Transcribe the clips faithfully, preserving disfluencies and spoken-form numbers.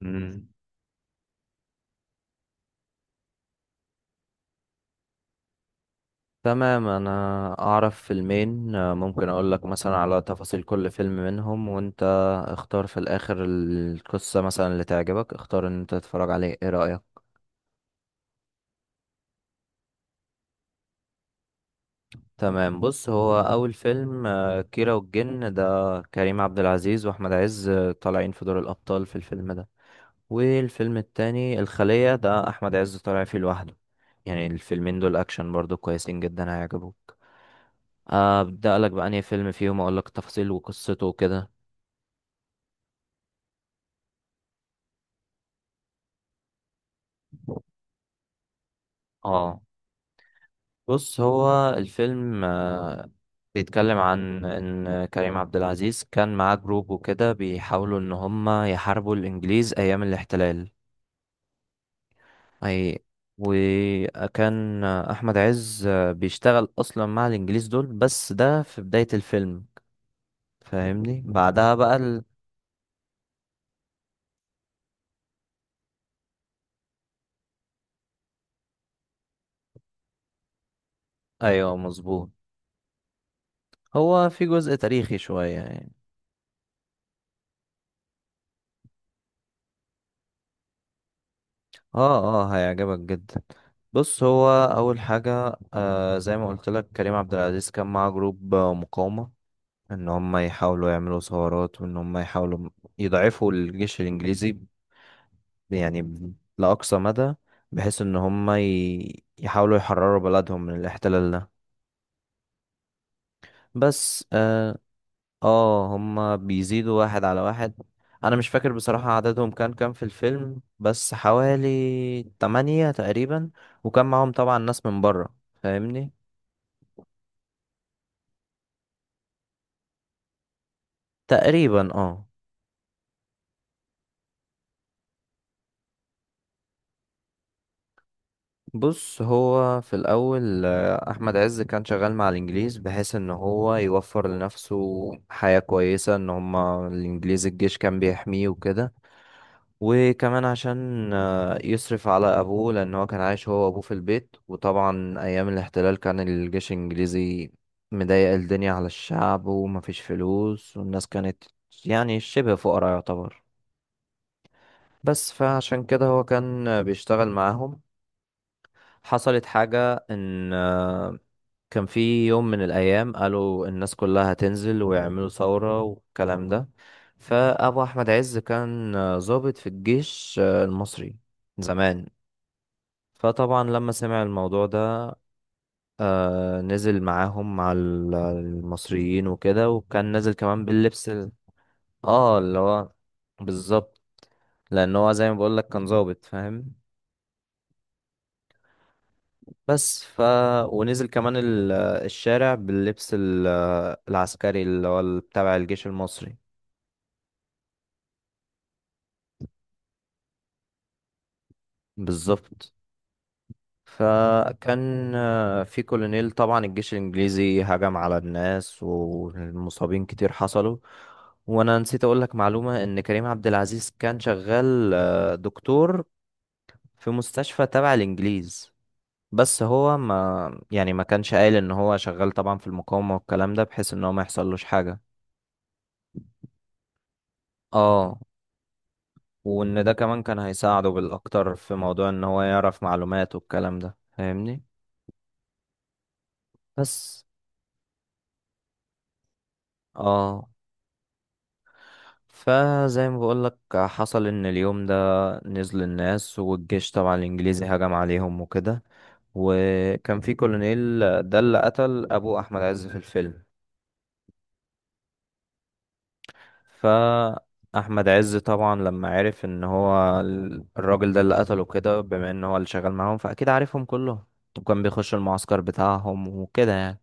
مم. تمام، انا اعرف فيلمين، آه، ممكن اقول لك مثلا على تفاصيل كل فيلم منهم، وانت اختار في الاخر القصة مثلا اللي تعجبك، اختار ان انت تتفرج عليه. ايه رأيك؟ تمام، بص، هو اول فيلم آه، كيرة والجن، ده كريم عبد العزيز واحمد عز آه، طالعين في دور الابطال في الفيلم ده. والفيلم التاني الخلية، ده احمد عز طالع فيه لوحده. يعني الفيلمين دول اكشن برضو كويسين جدا، هيعجبوك. ابدا لك بأنهي فيلم فيهم، اقول لك التفاصيل وقصته وكده. اه، بص، هو الفيلم آه، بيتكلم عن ان كريم عبد العزيز كان معاه جروب وكده، بيحاولوا ان هم يحاربوا الانجليز ايام الاحتلال. اي، وكان احمد عز آه، بيشتغل اصلا مع الانجليز دول، بس ده في بداية الفيلم، فاهمني؟ بعدها بقى ال... ايوه مظبوط، هو في جزء تاريخي شوية يعني. اه، اه هيعجبك جدا. بص، هو اول حاجه، آه زي ما قلت لك كريم عبد العزيز كان معاه جروب آه، مقاومه، ان هم يحاولوا يعملوا ثورات، وان هم يحاولوا م- يضعفوا الجيش الانجليزي ب- يعني ب- لاقصى مدى، بحيث ان هم ي- يحاولوا يحرروا بلدهم من الاحتلال ده. بس آه، اه هما بيزيدوا واحد على واحد. انا مش فاكر بصراحة عددهم كان كام في الفيلم، بس حوالي تمانية تقريبا، وكان معاهم طبعا ناس من بره، فاهمني؟ تقريبا، اه. بص، هو في الاول آه، احمد عز كان شغال مع الانجليز، بحيث ان هو يوفر لنفسه حياة كويسة، ان هما الانجليز الجيش كان بيحميه وكده. وكمان عشان آه، يصرف على أبوه، لأن هو كان عايش هو وأبوه في البيت، وطبعا أيام الاحتلال كان الجيش الإنجليزي مضايق الدنيا على الشعب، ومفيش فلوس والناس كانت يعني شبه فقراء يعتبر. بس فعشان كده هو كان آه، بيشتغل معاهم. حصلت حاجة إن آه، كان في يوم من الأيام قالوا الناس كلها هتنزل ويعملوا ثورة والكلام ده. فأبو أحمد عز كان آه، ضابط في الجيش آه، المصري زمان. فطبعا لما سمع الموضوع ده، آه نزل معاهم مع ال- المصريين وكده، وكان نازل كمان باللبس ال... اه اللي هو بالظبط، لان هو زي ما بقول لك كان ظابط، فاهم؟ بس ف ونزل كمان ال- الشارع باللبس ال- العسكري اللي هو ال- تبع الجيش المصري. بالظبط. فكان آه، في كولونيل، طبعا الجيش الإنجليزي هجم على الناس والمصابين كتير حصلوا. وأنا نسيت أقولك معلومة إن كريم عبد العزيز كان شغال آه، دكتور في مستشفى تبع الإنجليز، بس هو ما يعني ما كانش قايل إن هو شغال طبعا في المقاومة والكلام ده، بحيث إن هو ما يحصلوش حاجة. اه، وإن ده كمان كان هيساعده بالأكتر في موضوع إن هو يعرف معلومات والكلام ده، فاهمني؟ بس اه، فزي ما بقولك حصل ان اليوم ده نزل الناس، والجيش طبعا الانجليزي هجم عليهم وكده. وكان في كولونيل، ده اللي قتل ابو احمد عز في الفيلم. فاحمد عز طبعا لما عرف ان هو ال- الراجل ده اللي قتله كده، بما ان هو اللي شغال معاهم فاكيد عارفهم كلهم، وكان بيخش المعسكر بتاعهم وكده يعني.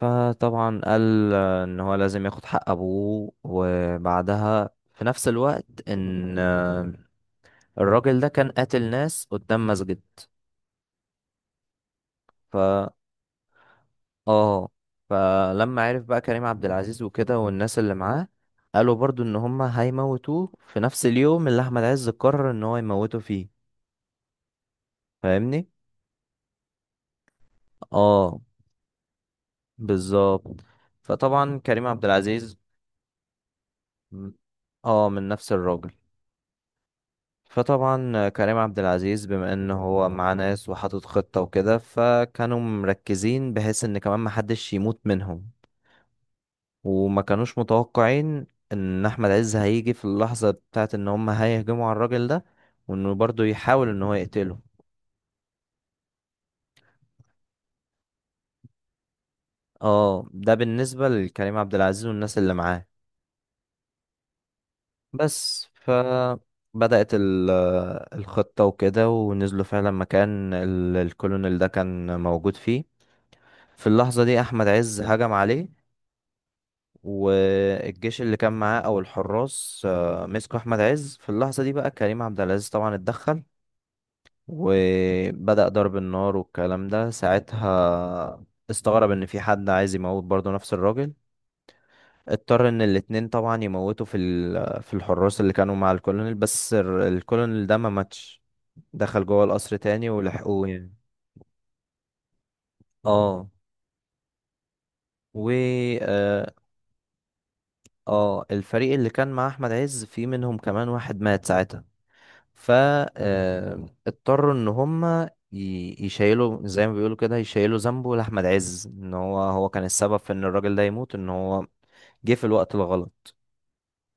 فطبعا قال آه، ان هو لازم ياخد حق ابوه، وبعدها في نفس الوقت ان الراجل ده كان قاتل ناس قدام مسجد. ف اه، فلما عرف بقى كريم عبد العزيز وكده والناس اللي معاه، قالوا برضو ان هما هيموتوه في نفس اليوم اللي احمد عز قرر ان هو يموته فيه، فاهمني؟ اه بالظبط. فطبعا كريم عبد العزيز، اه من نفس الراجل. فطبعا كريم عبد العزيز، بما ان هو معاه ناس وحاطط خطة وكده، فكانوا مركزين بحيث ان كمان محدش يموت منهم، وما كانوش متوقعين ان احمد عز هيجي في اللحظة بتاعت ان هم هيهجموا على الراجل ده، وانه برضه يحاول ان هو يقتله. اه، ده بالنسبة لكريم عبد العزيز والناس اللي معاه. بس ف بدأت ال- الخطة وكده، ونزلوا فعلا مكان ال- الكولونيل ده كان موجود فيه. في اللحظة دي أحمد عز هجم عليه، والجيش اللي كان معاه أو الحراس آه، مسكوا أحمد عز. في اللحظة دي بقى كريم عبد العزيز طبعا اتدخل وبدأ ضرب النار والكلام ده. ساعتها استغرب ان في حد عايز يموت برضه نفس الراجل. اضطر ان الاتنين طبعا يموتوا في ال- في الحراس اللي كانوا مع الكولونيل، بس ال- الكولونيل ده ما ماتش، دخل جوه القصر تاني ولحقوه يعني. اه. و اه، آه، الفريق اللي كان مع احمد عز في منهم كمان واحد مات ساعتها، فاضطروا ان هم ي- يشيلوا زي ما بيقولوا كده، يشيلوا ذنبه لاحمد عز، ان هو هو كان السبب في ان الراجل ده يموت، ان هو جه في الوقت الغلط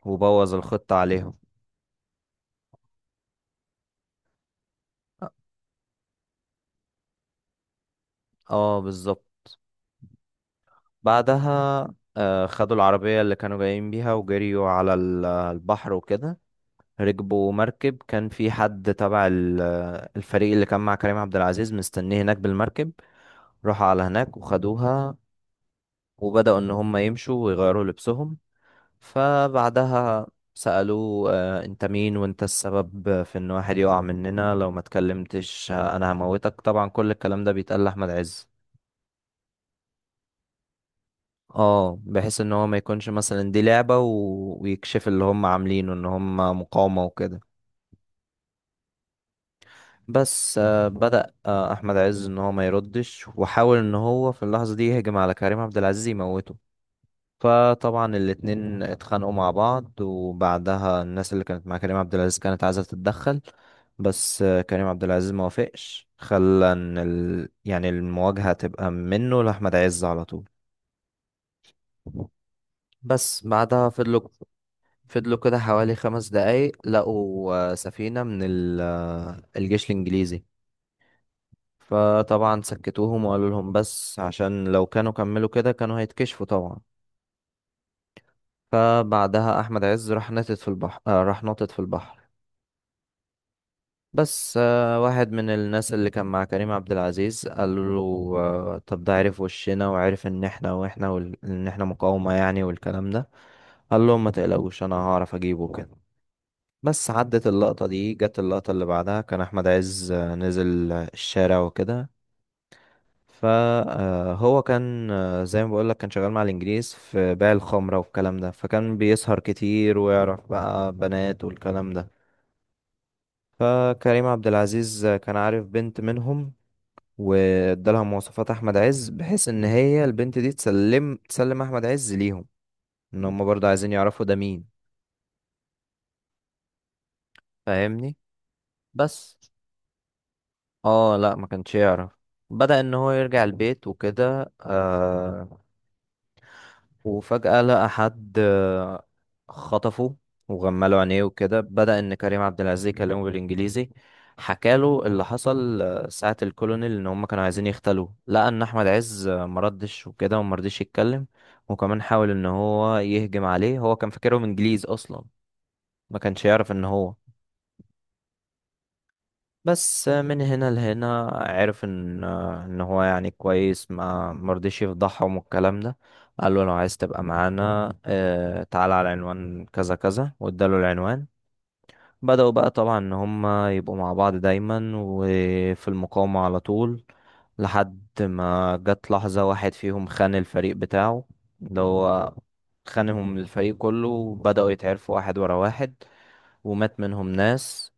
وبوظ الخطة عليهم. اه بالظبط. بعدها آه، خدوا العربية اللي كانوا جايين بيها، وجريوا على ال- البحر وكده، ركبوا مركب كان في حد تبع ال- الفريق اللي كان مع كريم عبد العزيز مستنيه هناك بالمركب، راحوا على هناك وخدوها، وبدأوا إن هم يمشوا ويغيروا لبسهم. فبعدها سألوه آه، انت مين، وانت السبب في ان واحد يقع مننا، لو ما اتكلمتش آه، انا هموتك، طبعا كل الكلام ده بيتقال لأحمد عز. اه، بحيث ان هو ما يكونش مثلا دي لعبة و... ويكشف اللي هم عاملينه ان هم مقاومة وكده. بس آه، بدأ آه، احمد عز ان هو ما يردش، وحاول ان هو في اللحظة دي يهجم على كريم عبد العزيز يموته. فطبعا الاتنين اتخانقوا مع بعض، وبعدها الناس اللي كانت مع كريم عبد العزيز كانت عايزة تتدخل، بس آه، كريم عبد العزيز ما وافقش، خلى ان ال... يعني المواجهة تبقى منه لأحمد عز على طول. بس بعدها فضلوا، فضلوا كده حوالي خمس دقايق، لقوا آه، سفينة من ال... آه، الجيش الإنجليزي. فطبعا سكتوهم وقالوا لهم بس، عشان لو كانوا كملوا كده كانوا هيتكشفوا طبعا. فبعدها أحمد عز راح نطت في البحر، آه، راح نطت في البحر بس آه، واحد من الناس اللي كان مع كريم عبد العزيز قال له آه، طب ده عرف وشنا، وعرف ان احنا واحنا وال... ان احنا مقاومة يعني والكلام ده. قال لهم ما تقلقوش انا هعرف اجيبه كده. بس عدت اللقطة دي، جت اللقطة اللي بعدها كان احمد عز آه، نزل آه، الشارع وكده. فهو كان آه، زي ما بقولك كان شغال مع الانجليز في بيع الخمرة والكلام ده، فكان بيسهر كتير ويعرف بقى بنات والكلام ده. فكريم عبد العزيز كان عارف بنت منهم، وادالها مواصفات احمد عز، بحيث ان هي البنت دي تسلم، تسلم احمد عز ليهم، ان هم برضه عايزين يعرفوا ده مين، فاهمني؟ بس اه لا، ما كانش يعرف. بدأ ان هو يرجع البيت وكده، آه، وفجأة لقى حد آه، خطفه وغمله عينيه وكده. بدأ إن كريم عبد العزيز يكلمه بالإنجليزي، حكاله اللي حصل آه، ساعة الكولونيل إن هما كانوا عايزين يغتالوه. لقى إن أحمد عز آه، مردش وكده ومرضيش يتكلم، وكمان حاول إن هو يهجم عليه، هو كان فاكرهم إنجليز أصلا، ما كانش يعرف إن هو. بس من هنا لهنا عرف ان ان هو يعني كويس، ما مرضيش يفضحهم والكلام ده. قال له لو عايز تبقى معانا آه، تعال على العنوان كذا كذا، واداله العنوان. بدأوا بقى طبعا ان هم يبقوا مع بعض دايما وفي المقاومة على طول، لحد ما جت لحظة واحد فيهم خان الفريق بتاعه، اللي هو خانهم الفريق كله، وبدأوا يتعرفوا واحد ورا واحد، ومات منهم ناس.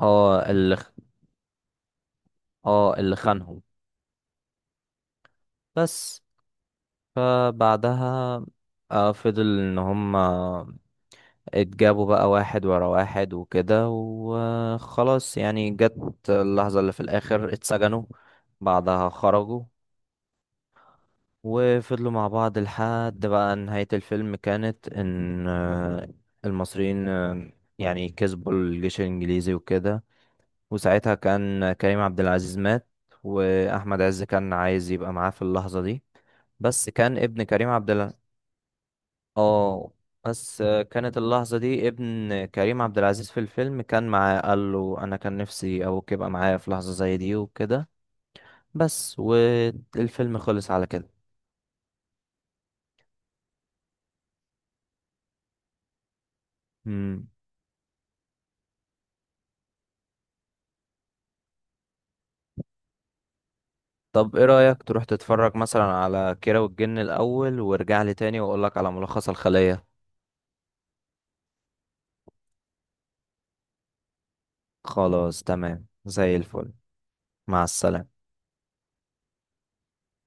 اه اللي اه اللي خانهم. بس فبعدها آه، فضل ان هم اتجابوا بقى واحد ورا واحد وكده، وخلاص يعني جت اللحظة اللي في الاخر اتسجنوا، بعدها خرجوا، وفضلوا مع بعض. لحد بقى نهاية الفيلم، كانت ان آه، المصريين آه، يعني كسبوا الجيش الانجليزي وكده. وساعتها كان كريم عبد العزيز مات، واحمد عز كان عايز يبقى معاه في اللحظة دي، بس كان ابن كريم عبد، اه، بس كانت اللحظة دي ابن كريم عبد العزيز في الفيلم كان معاه، قال له أنا كان نفسي أبوك يبقى معايا في لحظة زي دي وكده. بس والفيلم خلص على كده. مم. طب ايه رأيك تروح تتفرج مثلا على كيرة والجن الأول، وارجع لي تاني وأقولك على ملخص الخلية. خلاص تمام زي الفل، مع السلامة.